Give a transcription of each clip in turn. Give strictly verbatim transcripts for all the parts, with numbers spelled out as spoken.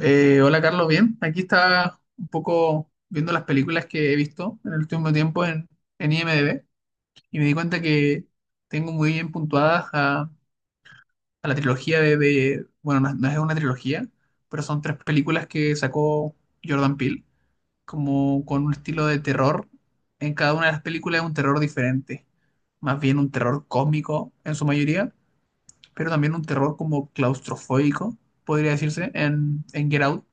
Eh, hola Carlos, bien. Aquí estaba un poco viendo las películas que he visto en el último tiempo en, en I M D b y me di cuenta que tengo muy bien puntuadas a, a la trilogía de, de- Bueno, no, no es una trilogía, pero son tres películas que sacó Jordan Peele, como con un estilo de terror. En cada una de las películas es un terror diferente, más bien un terror cósmico en su mayoría, pero también un terror como claustrofóbico, podría decirse, en, en Get Out,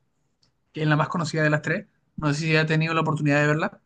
que es la más conocida de las tres. No sé si ha tenido la oportunidad de verla.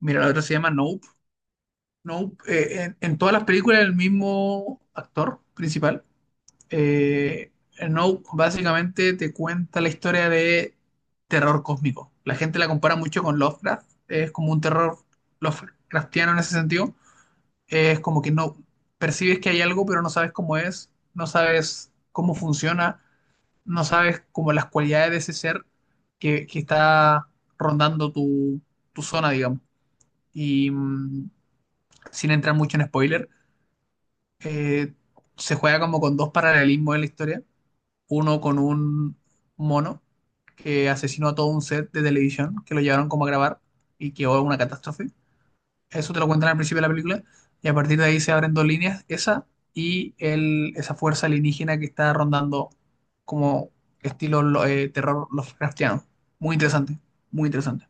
Mira, la otra se llama Nope. Nope. Eh, en, en todas las películas el mismo actor principal. Eh, Nope básicamente te cuenta la historia de terror cósmico. La gente la compara mucho con Lovecraft. Es como un terror Lovecraftiano en ese sentido. Es como que no percibes que hay algo, pero no sabes cómo es, no sabes cómo funciona, no sabes como las cualidades de ese ser que, que está rondando tu, tu zona, digamos. Y mm, sin entrar mucho en spoiler, eh, se juega como con dos paralelismos en la historia. Uno con un mono que asesinó a todo un set de televisión que lo llevaron como a grabar y que hubo una catástrofe. Eso te lo cuentan al principio de la película. Y a partir de ahí se abren dos líneas, esa y el, esa fuerza alienígena que está rondando como estilo lo- eh, terror Lovecraftiano. Muy interesante, muy interesante.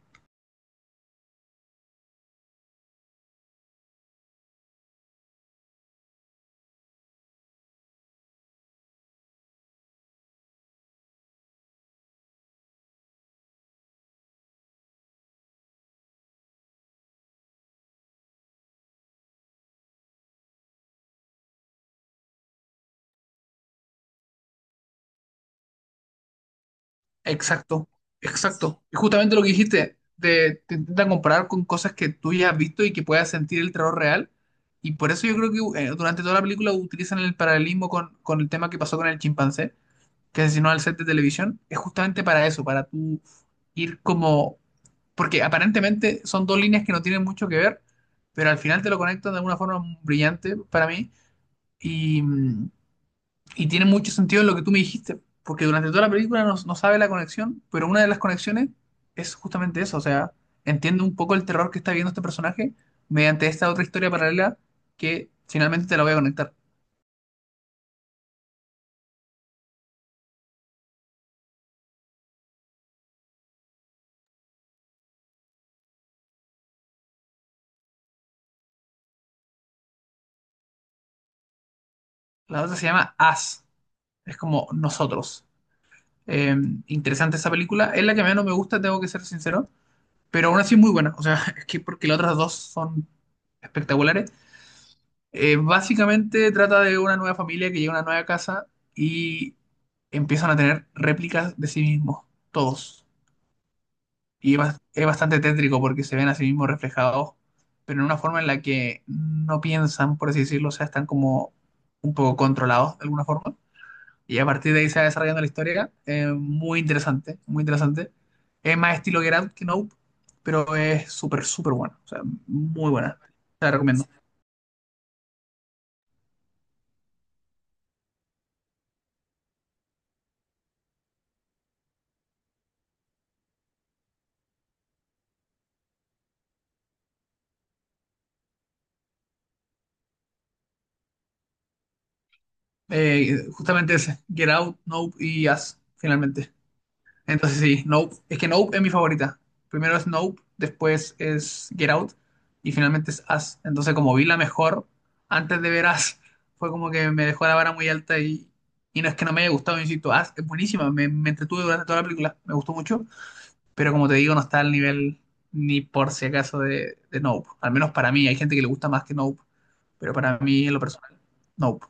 Exacto, exacto. Y justamente lo que dijiste, te, te intentan comparar con cosas que tú ya has visto y que puedas sentir el terror real. Y por eso yo creo que eh, durante toda la película utilizan el paralelismo con, con el tema que pasó con el chimpancé, que asesinó al set de televisión. Es justamente para eso, para tú ir como, porque aparentemente son dos líneas que no tienen mucho que ver, pero al final te lo conectan de alguna forma brillante para mí y, mm, y tiene mucho sentido en lo que tú me dijiste, porque durante toda la película no, no sabe la conexión, pero una de las conexiones es justamente eso, o sea, entiende un poco el terror que está viendo este personaje mediante esta otra historia paralela que finalmente te la voy a conectar. La otra se llama As, es como nosotros. Eh, interesante esa película, es la que menos me gusta, tengo que ser sincero, pero aún así es muy buena. O sea, es que porque las otras dos son espectaculares. Eh, básicamente trata de una nueva familia que llega a una nueva casa y empiezan a tener réplicas de sí mismos, todos. Y es bas- es bastante tétrico porque se ven a sí mismos reflejados, pero en una forma en la que no piensan, por así decirlo, o sea, están como un poco controlados de alguna forma. Y a partir de ahí se va desarrollando la historia. Eh, muy interesante, muy interesante. Es más estilo Get Out que Nope, pero es súper, súper bueno. O sea, muy buena. Te la recomiendo. Eh, justamente ese, Get Out, Nope y Us, finalmente. Entonces sí, Nope. Es que Nope es mi favorita. Primero es Nope, después es Get Out y finalmente es Us. Entonces como vi la mejor antes de ver Us, fue como que me dejó la vara muy alta y, y no es que no me haya gustado, insisto, Us es buenísima, me, me entretuve durante toda la película, me gustó mucho, pero como te digo, no está al nivel ni por si acaso de, de Nope. Al menos para mí, hay gente que le gusta más que Nope, pero para mí en lo personal, Nope.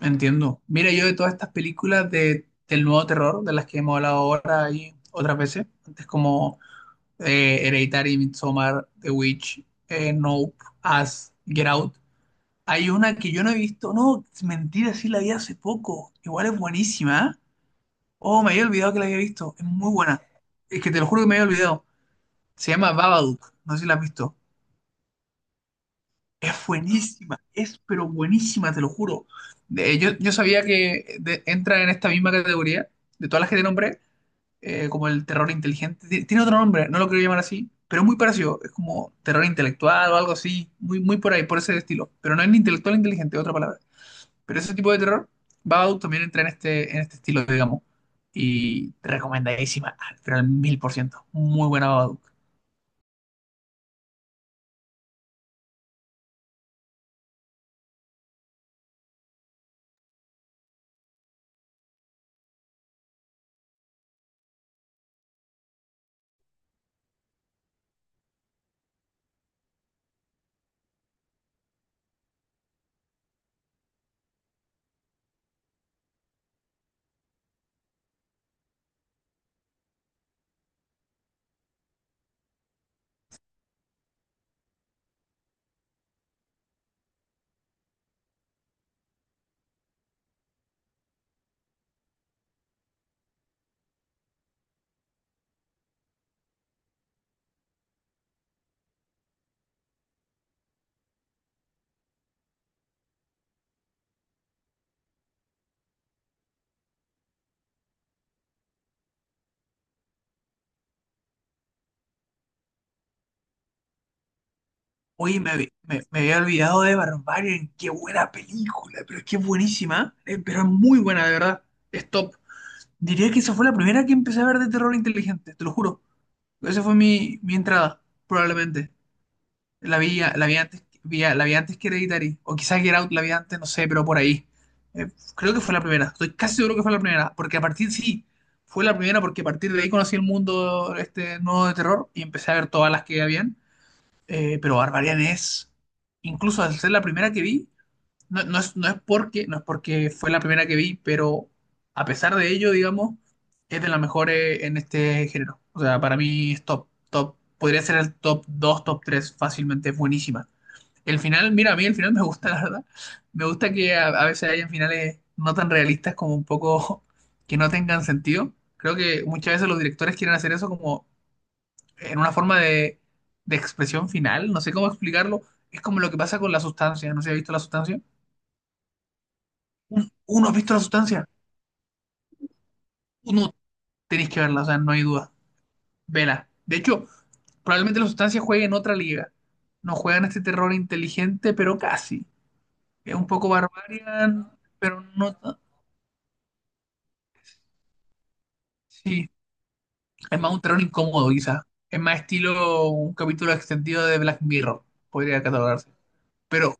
Entiendo. Mira, yo de todas estas películas de, del nuevo terror, de las que hemos hablado ahora y otras veces, antes como eh, Hereditary, Midsommar, The Witch, eh, Nope, Us, Get Out, hay una que yo no he visto, no, es mentira, sí la vi hace poco, igual es buenísima, ¿eh? Oh, me había olvidado que la había visto, es muy buena. Es que te lo juro que me había olvidado. Se llama Babadook, no sé si la has visto. Es buenísima, es pero buenísima, te lo juro. De- yo, yo sabía que de- entra en esta misma categoría, de todas las que te nombré, eh, como el terror inteligente. Ti- Tiene otro nombre, no lo quiero llamar así, pero es muy parecido. Es como terror intelectual o algo así, muy, muy por ahí, por ese estilo. Pero no es ni intelectual ni inteligente, es otra palabra. Pero ese tipo de terror, Babadook también entra en este, en este estilo, digamos. Y recomendadísima, al- pero al mil por ciento. Muy buena Babadook. Oye, me, habí- me, me había olvidado de Barbarian. Qué buena película, pero es que es buenísima, ¿eh? Eh, pero es muy buena, de verdad. Es top. Diría que esa fue la primera que empecé a ver de terror inteligente, te lo juro. Esa fue mi, mi entrada, probablemente. La vi, la vi antes, vi- la vi antes que Hereditary. O quizás Get Out la vi antes, no sé, pero por ahí. Eh, creo que fue la primera. Estoy casi seguro que fue la primera. Porque a partir, sí, fue la primera porque a partir de ahí conocí el mundo este nuevo de terror y empecé a ver todas las que habían. Eh, pero Barbarian es, incluso al ser la primera que vi, no, no es, no es porque, no es porque fue la primera que vi, pero a pesar de ello, digamos, es de las mejores en este género. O sea, para mí es top, top, podría ser el top dos top tres fácilmente, es buenísima. El final, mira, a mí el final me gusta, la verdad. Me gusta que a, a veces hayan finales no tan realistas como un poco que no tengan sentido. Creo que muchas veces los directores quieren hacer eso como en una forma de, de expresión final, no sé cómo explicarlo, es como lo que pasa con la sustancia, no sé si has visto la sustancia. Un- Uno ha visto la sustancia, uno tenéis que verla, o sea, no hay duda, vela. De hecho, probablemente la sustancia juegue en otra liga, no juegan este terror inteligente, pero casi. Es un poco barbarian, pero no... ta- Sí, es más un terror incómodo quizás, es más estilo un capítulo extendido de Black Mirror, podría catalogarse. Pero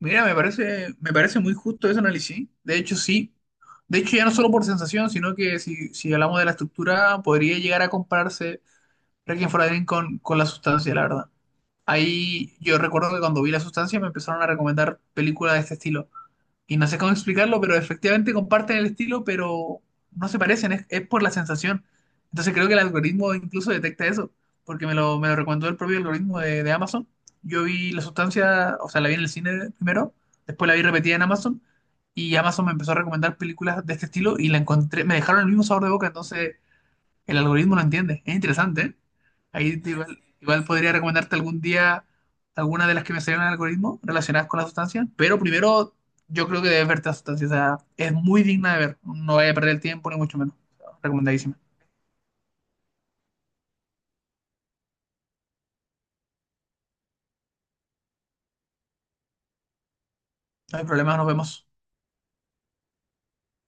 mira, me parece, me parece muy justo ese análisis. De hecho, sí. De hecho, ya no solo por sensación, sino que si, si hablamos de la estructura, podría llegar a compararse Requiem for a Dream con, con la sustancia, la verdad. Ahí yo recuerdo que cuando vi la sustancia me empezaron a recomendar películas de este estilo y no sé cómo explicarlo, pero efectivamente comparten el estilo, pero no se parecen, es, es por la sensación. Entonces creo que el algoritmo incluso detecta eso, porque me lo, me lo recomendó el propio algoritmo de, de Amazon. Yo vi la sustancia, o sea, la vi en el cine primero, después la vi repetida en Amazon, y Amazon me empezó a recomendar películas de este estilo y la encontré, me dejaron el mismo sabor de boca, entonces el algoritmo lo entiende. Es interesante, ¿eh? Ahí te igual, igual podría recomendarte algún día alguna de las que me salieron en el algoritmo relacionadas con la sustancia, pero primero yo creo que debes verte la sustancia. O sea, es muy digna de ver. No vaya a perder el tiempo, ni mucho menos. Recomendadísima. No hay problema, nos vemos.